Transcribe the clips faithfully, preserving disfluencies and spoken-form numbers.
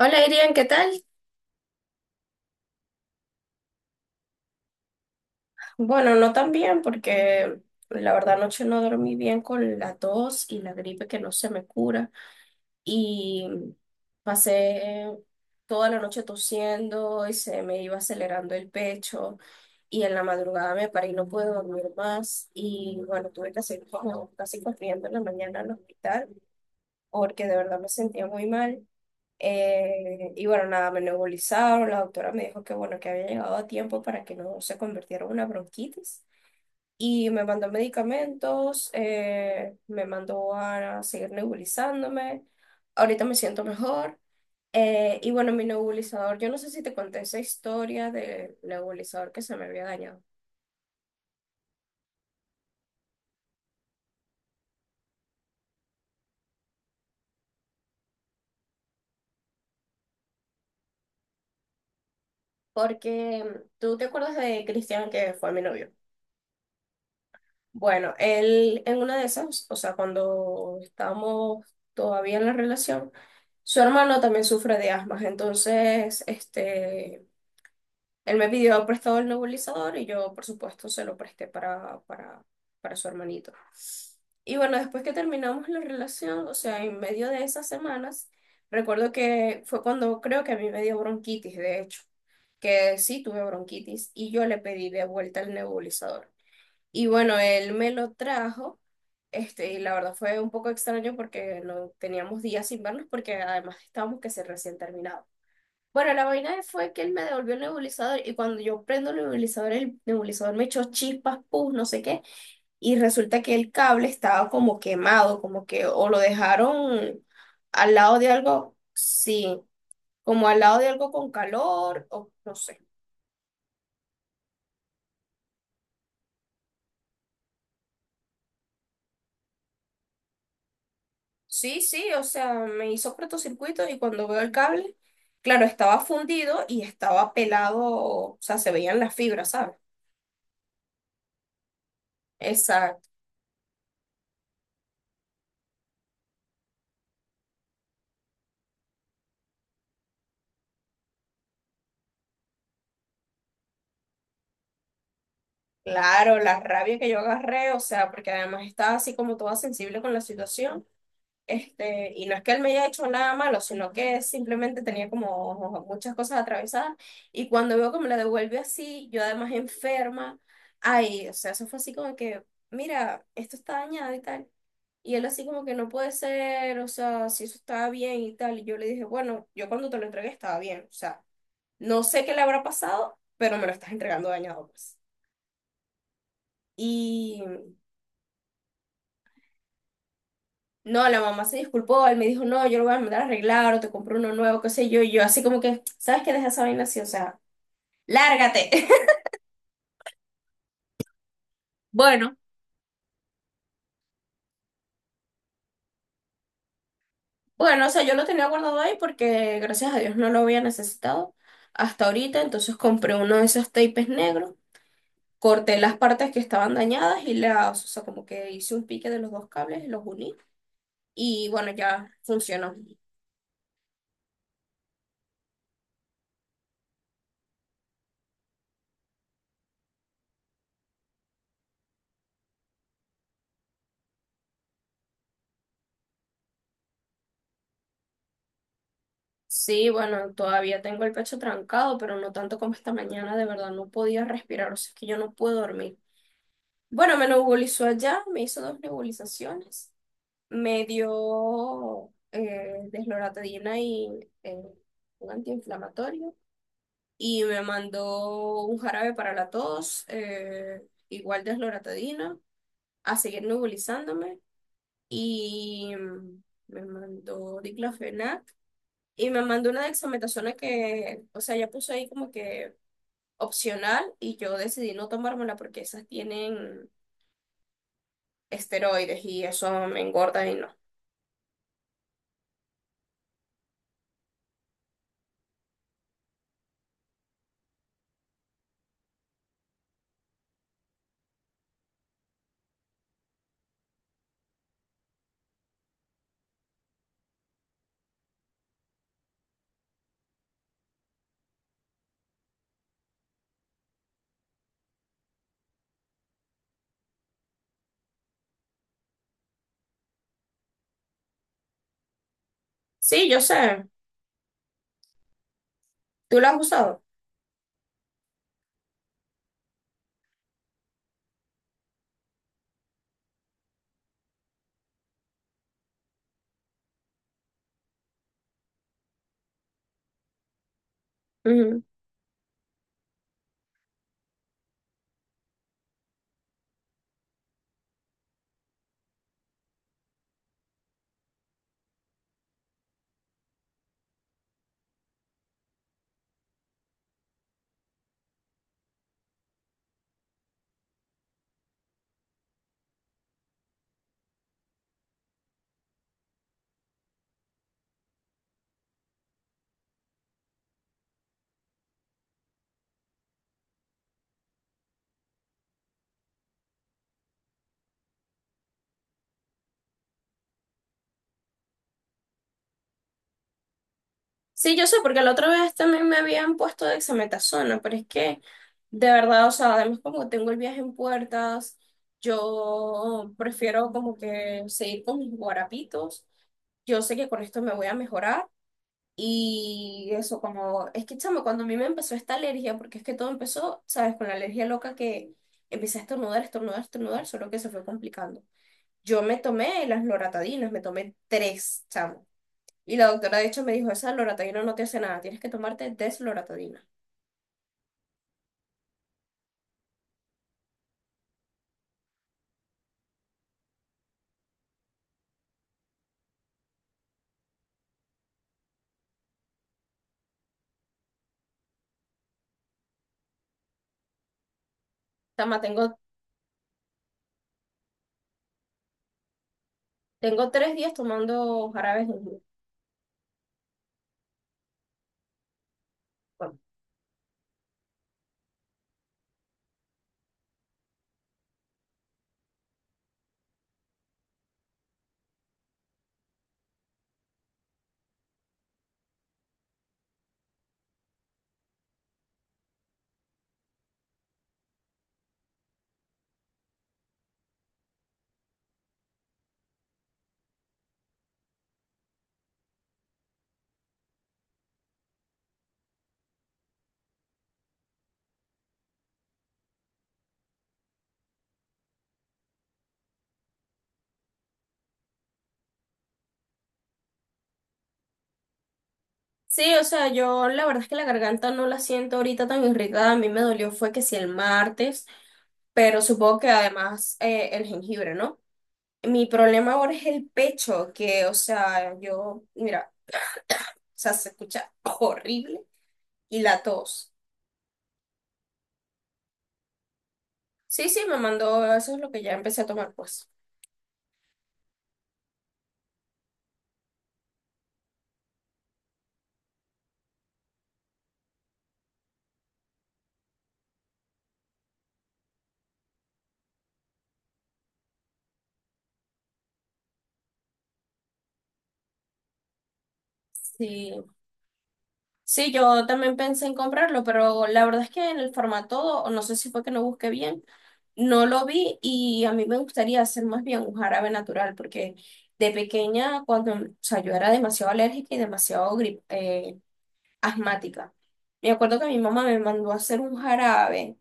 Hola Irian, ¿qué tal? Bueno, no tan bien porque la verdad anoche no dormí bien con la tos y la gripe que no se me cura y pasé toda la noche tosiendo y se me iba acelerando el pecho y en la madrugada me paré y no pude dormir más y bueno, tuve que hacer como casi corriendo en la mañana al hospital porque de verdad me sentía muy mal. Eh, y bueno, nada, me nebulizaron. La doctora me dijo que bueno, que había llegado a tiempo para que no se convirtiera en una bronquitis. Y me mandó medicamentos, eh, me mandó a seguir nebulizándome. Ahorita me siento mejor. Eh, y bueno, mi nebulizador, yo no sé si te conté esa historia del nebulizador que se me había dañado. Porque mm, tú te acuerdas de Cristian que fue mi novio. Bueno, él en una de esas, o sea, cuando estábamos todavía en la relación, su hermano también sufre de asma, entonces, este, él me pidió prestado el nebulizador y yo, por supuesto, se lo presté para, para, para su hermanito. Y bueno, después que terminamos la relación, o sea, en medio de esas semanas, recuerdo que fue cuando creo que a mí me dio bronquitis, de hecho, que sí tuve bronquitis y yo le pedí de vuelta el nebulizador. Y bueno, él me lo trajo, este, y la verdad fue un poco extraño porque no teníamos días sin vernos porque además estábamos que se recién terminado. Bueno, la vaina fue que él me devolvió el nebulizador y cuando yo prendo el nebulizador, el nebulizador me echó chispas, pus, no sé qué, y resulta que el cable estaba como quemado, como que o lo dejaron al lado de algo, sí, como al lado de algo con calor o no sé. Sí, sí, o sea, me hizo cortocircuito y cuando veo el cable, claro, estaba fundido y estaba pelado, o sea, se veían las fibras, ¿sabes? Exacto. Claro, la rabia que yo agarré, o sea, porque además estaba así como toda sensible con la situación. Este, y no es que él me haya hecho nada malo, sino que simplemente tenía como muchas cosas atravesadas. Y cuando veo que me la devuelve así, yo además enferma, ay, o sea, eso fue así como que, mira, esto está dañado y tal. Y él así como que no puede ser, o sea, si eso estaba bien y tal. Y yo le dije, bueno, yo cuando te lo entregué estaba bien, o sea, no sé qué le habrá pasado, pero me lo estás entregando dañado, pues. No, la mamá se disculpó, él me dijo, no, yo lo voy a mandar a arreglar o te compro uno nuevo, qué sé yo, y yo así como que, ¿sabes qué? Deja esa vaina así, o sea, lárgate. Bueno, Bueno, o sea, yo lo tenía guardado ahí porque gracias a Dios no lo había necesitado hasta ahorita, entonces compré uno de esos tapes negros, corté las partes que estaban dañadas y las, o sea, como que hice un pique de los dos cables y los uní y bueno, ya funcionó. Sí, bueno, todavía tengo el pecho trancado, pero no tanto como esta mañana, de verdad no podía respirar, o sea, es que yo no puedo dormir. Bueno, me nebulizó allá, me hizo dos nebulizaciones, me dio eh, desloratadina y eh, un antiinflamatorio y me mandó un jarabe para la tos, eh, igual desloratadina, a seguir nebulizándome y mm, me mandó diclofenac y me mandó una dexametasona que, o sea, ya puso ahí como que opcional y yo decidí no tomármela porque esas tienen esteroides y eso me engorda y no. Sí, yo sé. ¿Tú la has usado? Ujú. Sí, yo sé, porque la otra vez también me habían puesto dexametasona, pero es que, de verdad, o sea, además como tengo el viaje en puertas, yo prefiero como que seguir con mis guarapitos. Yo sé que con esto me voy a mejorar. Y eso, como, es que, chamo, cuando a mí me empezó esta alergia, porque es que todo empezó, ¿sabes? Con la alergia loca que empecé a estornudar, estornudar, estornudar, solo que se fue complicando. Yo me tomé las loratadinas, me tomé tres, chamo. Y la doctora de hecho me dijo, esa loratadina no te hace nada, tienes que tomarte desloratadina. Tama, tengo, tengo tres días tomando jarabes de jengibre. Bueno, sí, o sea, yo la verdad es que la garganta no la siento ahorita tan irritada. A mí me dolió fue que sí el martes, pero supongo que además eh, el jengibre, ¿no? Mi problema ahora es el pecho, que, o sea, yo, mira, o sea, se escucha horrible y la tos. Sí, sí, me mandó, eso es lo que ya empecé a tomar, pues. Sí, sí, yo también pensé en comprarlo, pero la verdad es que en el formato, o no sé si fue que no busqué bien, no lo vi y a mí me gustaría hacer más bien un jarabe natural, porque de pequeña, cuando, o sea, yo era demasiado alérgica y demasiado gri- eh, asmática. Me acuerdo que mi mamá me mandó a hacer un jarabe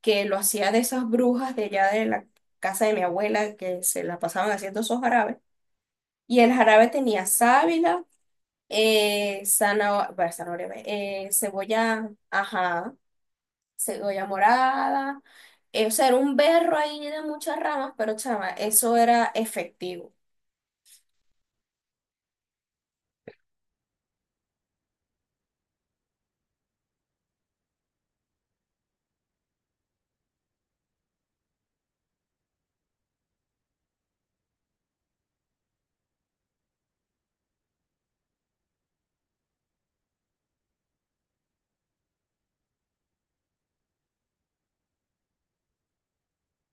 que lo hacía de esas brujas de allá de la casa de mi abuela que se la pasaban haciendo esos jarabes. Y el jarabe tenía sábila, eh, zanahoria, bueno, zanahoria, eh, cebolla, ajá, cebolla morada. eh, o sea, era un berro ahí de muchas ramas, pero chama, eso era efectivo.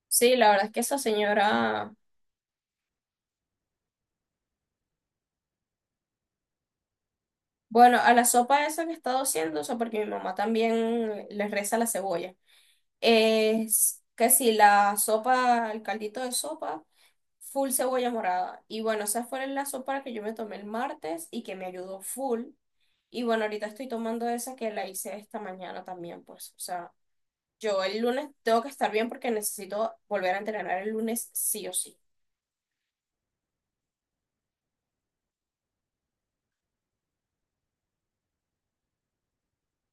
Sí, la verdad es que esa señora, bueno, a la sopa esa que he estado haciendo, o sea, porque mi mamá también le reza la cebolla. Es que si la sopa, el caldito de sopa. Full cebolla morada. Y bueno, esa fue la sopa que yo me tomé el martes y que me ayudó full. Y bueno, ahorita estoy tomando esa que la hice esta mañana también, pues. O sea, yo el lunes tengo que estar bien porque necesito volver a entrenar el lunes sí o sí.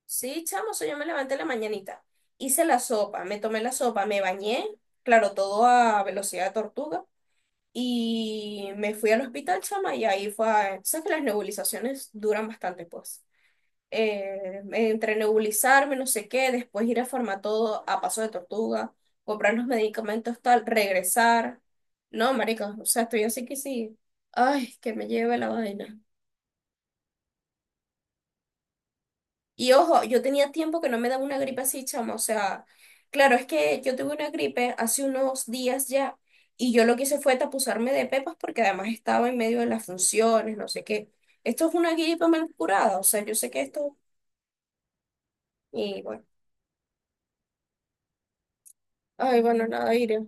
Sí, chamo, o sea, yo me levanté en la mañanita, hice la sopa, me tomé la sopa, me bañé, claro, todo a velocidad de tortuga. Y me fui al hospital, chama, y ahí fue. a- Sabes que las nebulizaciones duran bastante, pues. eh, entre nebulizarme, no sé qué, después ir a todo a Paso de Tortuga, comprar los medicamentos, tal, regresar. No, marica, o sea, estoy así que sí. Ay, que me lleve la vaina. Y ojo, yo tenía tiempo que no me daba una gripe así, chama, o sea, claro, es que yo tuve una gripe hace unos días ya y yo lo que hice fue tapuzarme de pepas porque además estaba en medio de las funciones, no sé qué. Esto es una gripe mal curada, o sea, yo sé que esto... Y bueno, ay, bueno, nada, iré.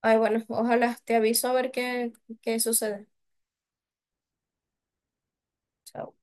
Ay, bueno, ojalá te aviso a ver qué, qué sucede. Chao.